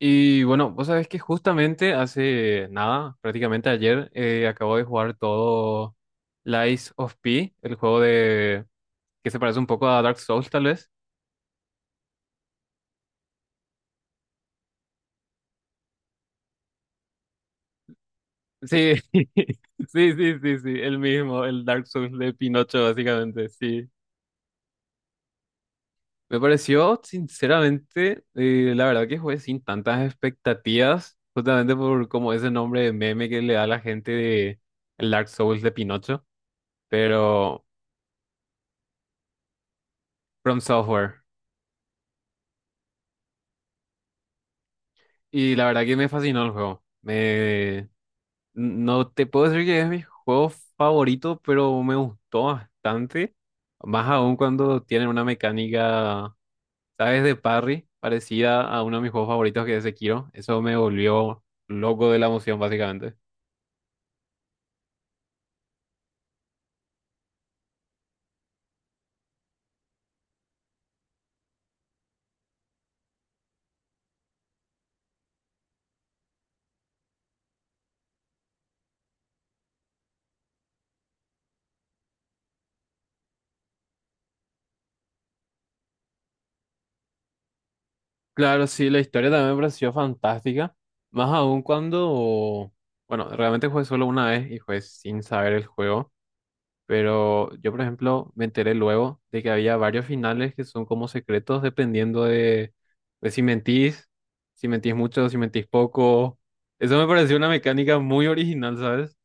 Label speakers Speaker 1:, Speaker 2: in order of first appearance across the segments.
Speaker 1: Y bueno, vos sabés que justamente hace nada, prácticamente ayer, acabo de jugar todo Lies of P, el juego de que se parece un poco a Dark Souls, tal vez. Sí, sí, sí, sí, sí, el mismo, el Dark Souls de Pinocho, básicamente, sí. Me pareció, sinceramente, la verdad que jugué sin tantas expectativas, justamente por como ese nombre de meme que le da la gente de el Dark Souls de Pinocho, pero From Software. Y la verdad que me fascinó el juego. Me... No te puedo decir que es mi juego favorito, pero me gustó bastante. Más aún cuando tienen una mecánica, ¿sabes? De parry, parecida a uno de mis juegos favoritos que es Sekiro. Eso me volvió loco de la emoción, básicamente. Claro, sí, la historia también me pareció fantástica. Más aún cuando, bueno, realmente jugué solo una vez y jugué sin saber el juego. Pero yo, por ejemplo, me enteré luego de que había varios finales que son como secretos dependiendo de si mentís, si mentís mucho, si mentís poco. Eso me pareció una mecánica muy original, ¿sabes?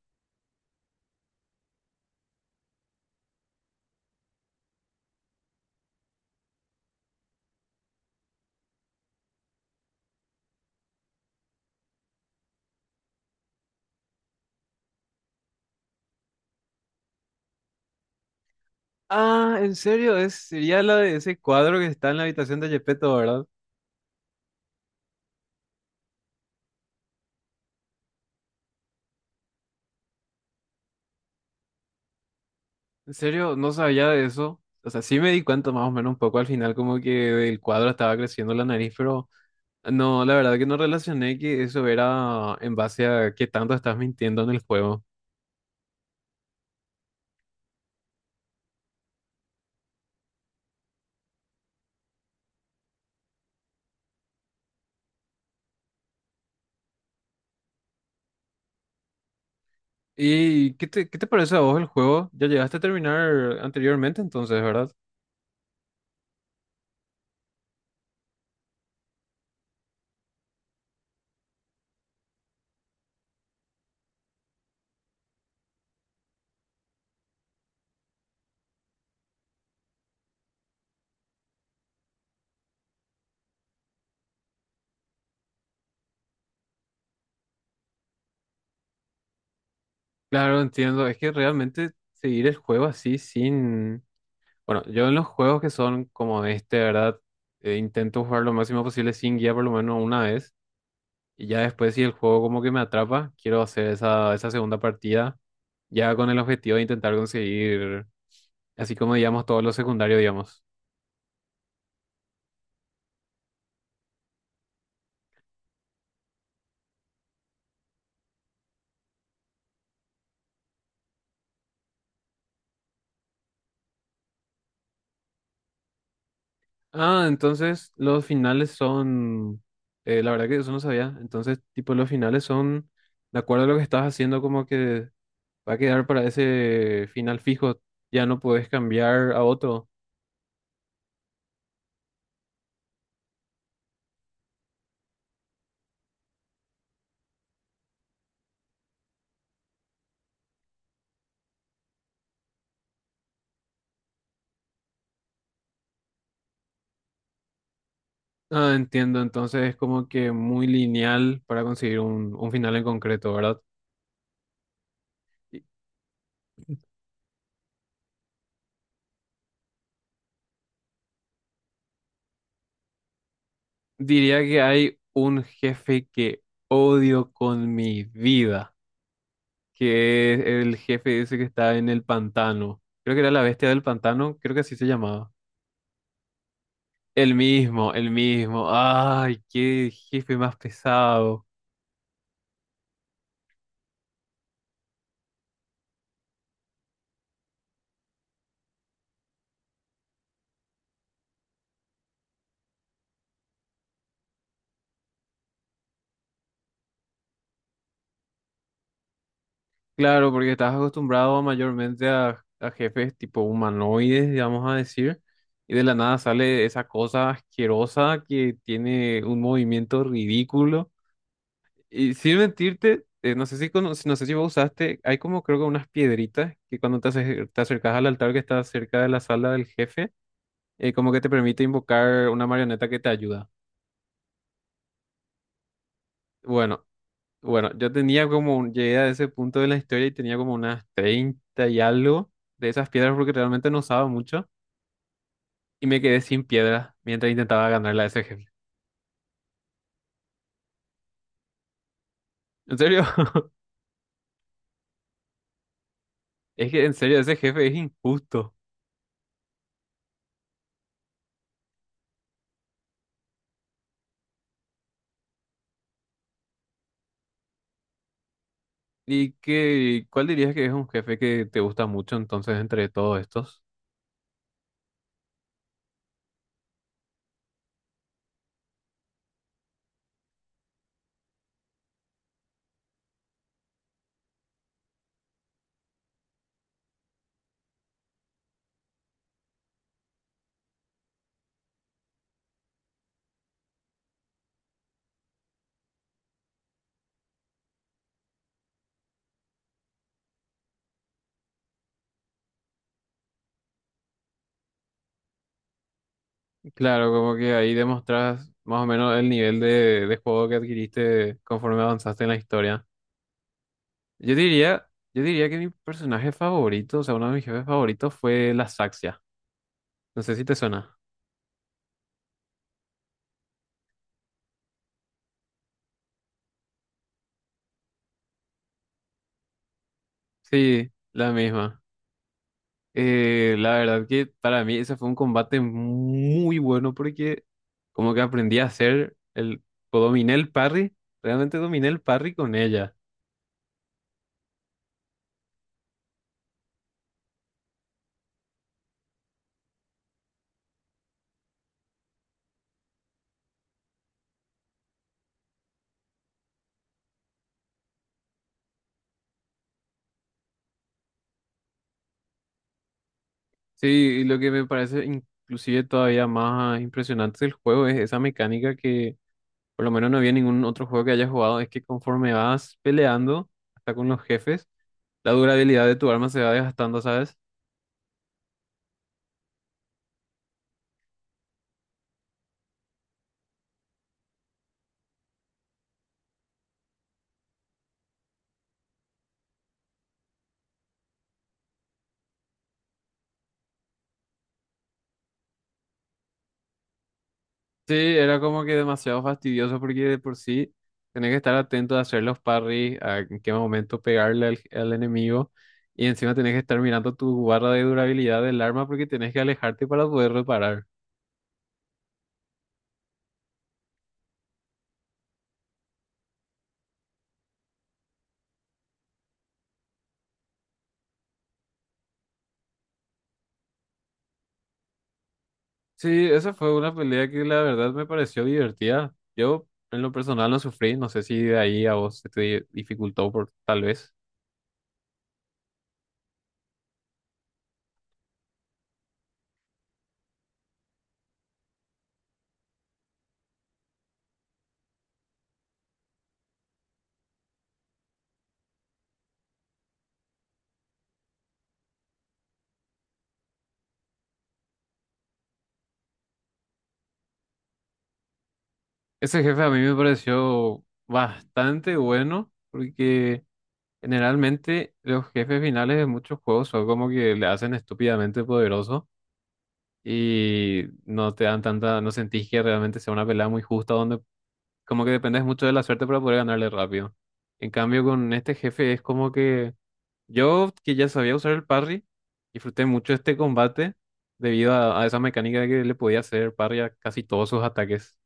Speaker 1: Ah, en serio, es, sería la de ese cuadro que está en la habitación de Gepetto, ¿verdad? En serio, no sabía de eso. O sea, sí me di cuenta más o menos un poco al final como que el cuadro estaba creciendo la nariz, pero no, la verdad que no relacioné que eso era en base a qué tanto estás mintiendo en el juego. ¿Y qué te parece a vos el juego? Ya llegaste a terminar anteriormente, entonces, ¿verdad? Claro, entiendo. Es que realmente seguir el juego así sin... Bueno, yo en los juegos que son como este, ¿verdad? Intento jugar lo máximo posible sin guía por lo menos una vez. Y ya después si el juego como que me atrapa, quiero hacer esa, esa segunda partida ya con el objetivo de intentar conseguir, así como digamos, todos los secundarios, digamos. Ah, entonces los finales son, la verdad que eso no sabía. Entonces, tipo, los finales son, de acuerdo a lo que estás haciendo, como que va a quedar para ese final fijo. Ya no puedes cambiar a otro. Ah, entiendo. Entonces es como que muy lineal para conseguir un final en concreto, ¿verdad? Y diría que hay un jefe que odio con mi vida, que es el jefe ese que está en el pantano. Creo que era la bestia del pantano, creo que así se llamaba. El mismo, el mismo. Ay, qué jefe más pesado. Claro, porque estás acostumbrado mayormente a jefes tipo humanoides, digamos a decir, y de la nada sale esa cosa asquerosa que tiene un movimiento ridículo. Y sin mentirte, no sé si cono- no sé si vos usaste, hay como creo que unas piedritas que cuando te, ace- te acercas al altar que está cerca de la sala del jefe, como que te permite invocar una marioneta que te ayuda. Bueno, Bueno, yo tenía como, un- llegué a ese punto de la historia y tenía como unas 30 y algo de esas piedras porque realmente no usaba mucho y me quedé sin piedras mientras intentaba ganarle a ese jefe. En serio, es que en serio ese jefe es injusto. ¿Y qué, cuál dirías que es un jefe que te gusta mucho entonces entre todos estos? Claro, como que ahí demostras más o menos el nivel de juego que adquiriste conforme avanzaste en la historia. Yo diría, yo diría que mi personaje favorito, o sea, uno de mis jefes favoritos fue la Saxia. No sé si te suena. Sí, la misma. La verdad que para mí ese fue un combate muy bueno porque como que aprendí a hacer el, o dominé el parry, realmente dominé el parry con ella. Sí, y lo que me parece inclusive todavía más impresionante del juego es esa mecánica que por lo menos no había ningún otro juego que haya jugado, es que conforme vas peleando hasta con los jefes, la durabilidad de tu arma se va desgastando, ¿sabes? Sí, era como que demasiado fastidioso porque de por sí tenés que estar atento a hacer los parries, a en qué momento pegarle al, al enemigo y encima tenés que estar mirando tu barra de durabilidad del arma porque tenés que alejarte para poder reparar. Sí, esa fue una pelea que la verdad me pareció divertida. Yo en lo personal no sufrí, no sé si de ahí a vos se te di- dificultó por tal vez. Ese jefe a mí me pareció bastante bueno porque... Generalmente los jefes finales de muchos juegos son como que le hacen estúpidamente poderoso y no te dan tanta, no sentís que realmente sea una pelea muy justa donde como que dependes mucho de la suerte para poder ganarle rápido. En cambio con este jefe es como que yo que ya sabía usar el parry, disfruté mucho este combate debido a esa mecánica de que le podía hacer parry a casi todos sus ataques.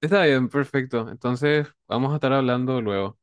Speaker 1: Está bien, perfecto. Entonces vamos a estar hablando luego.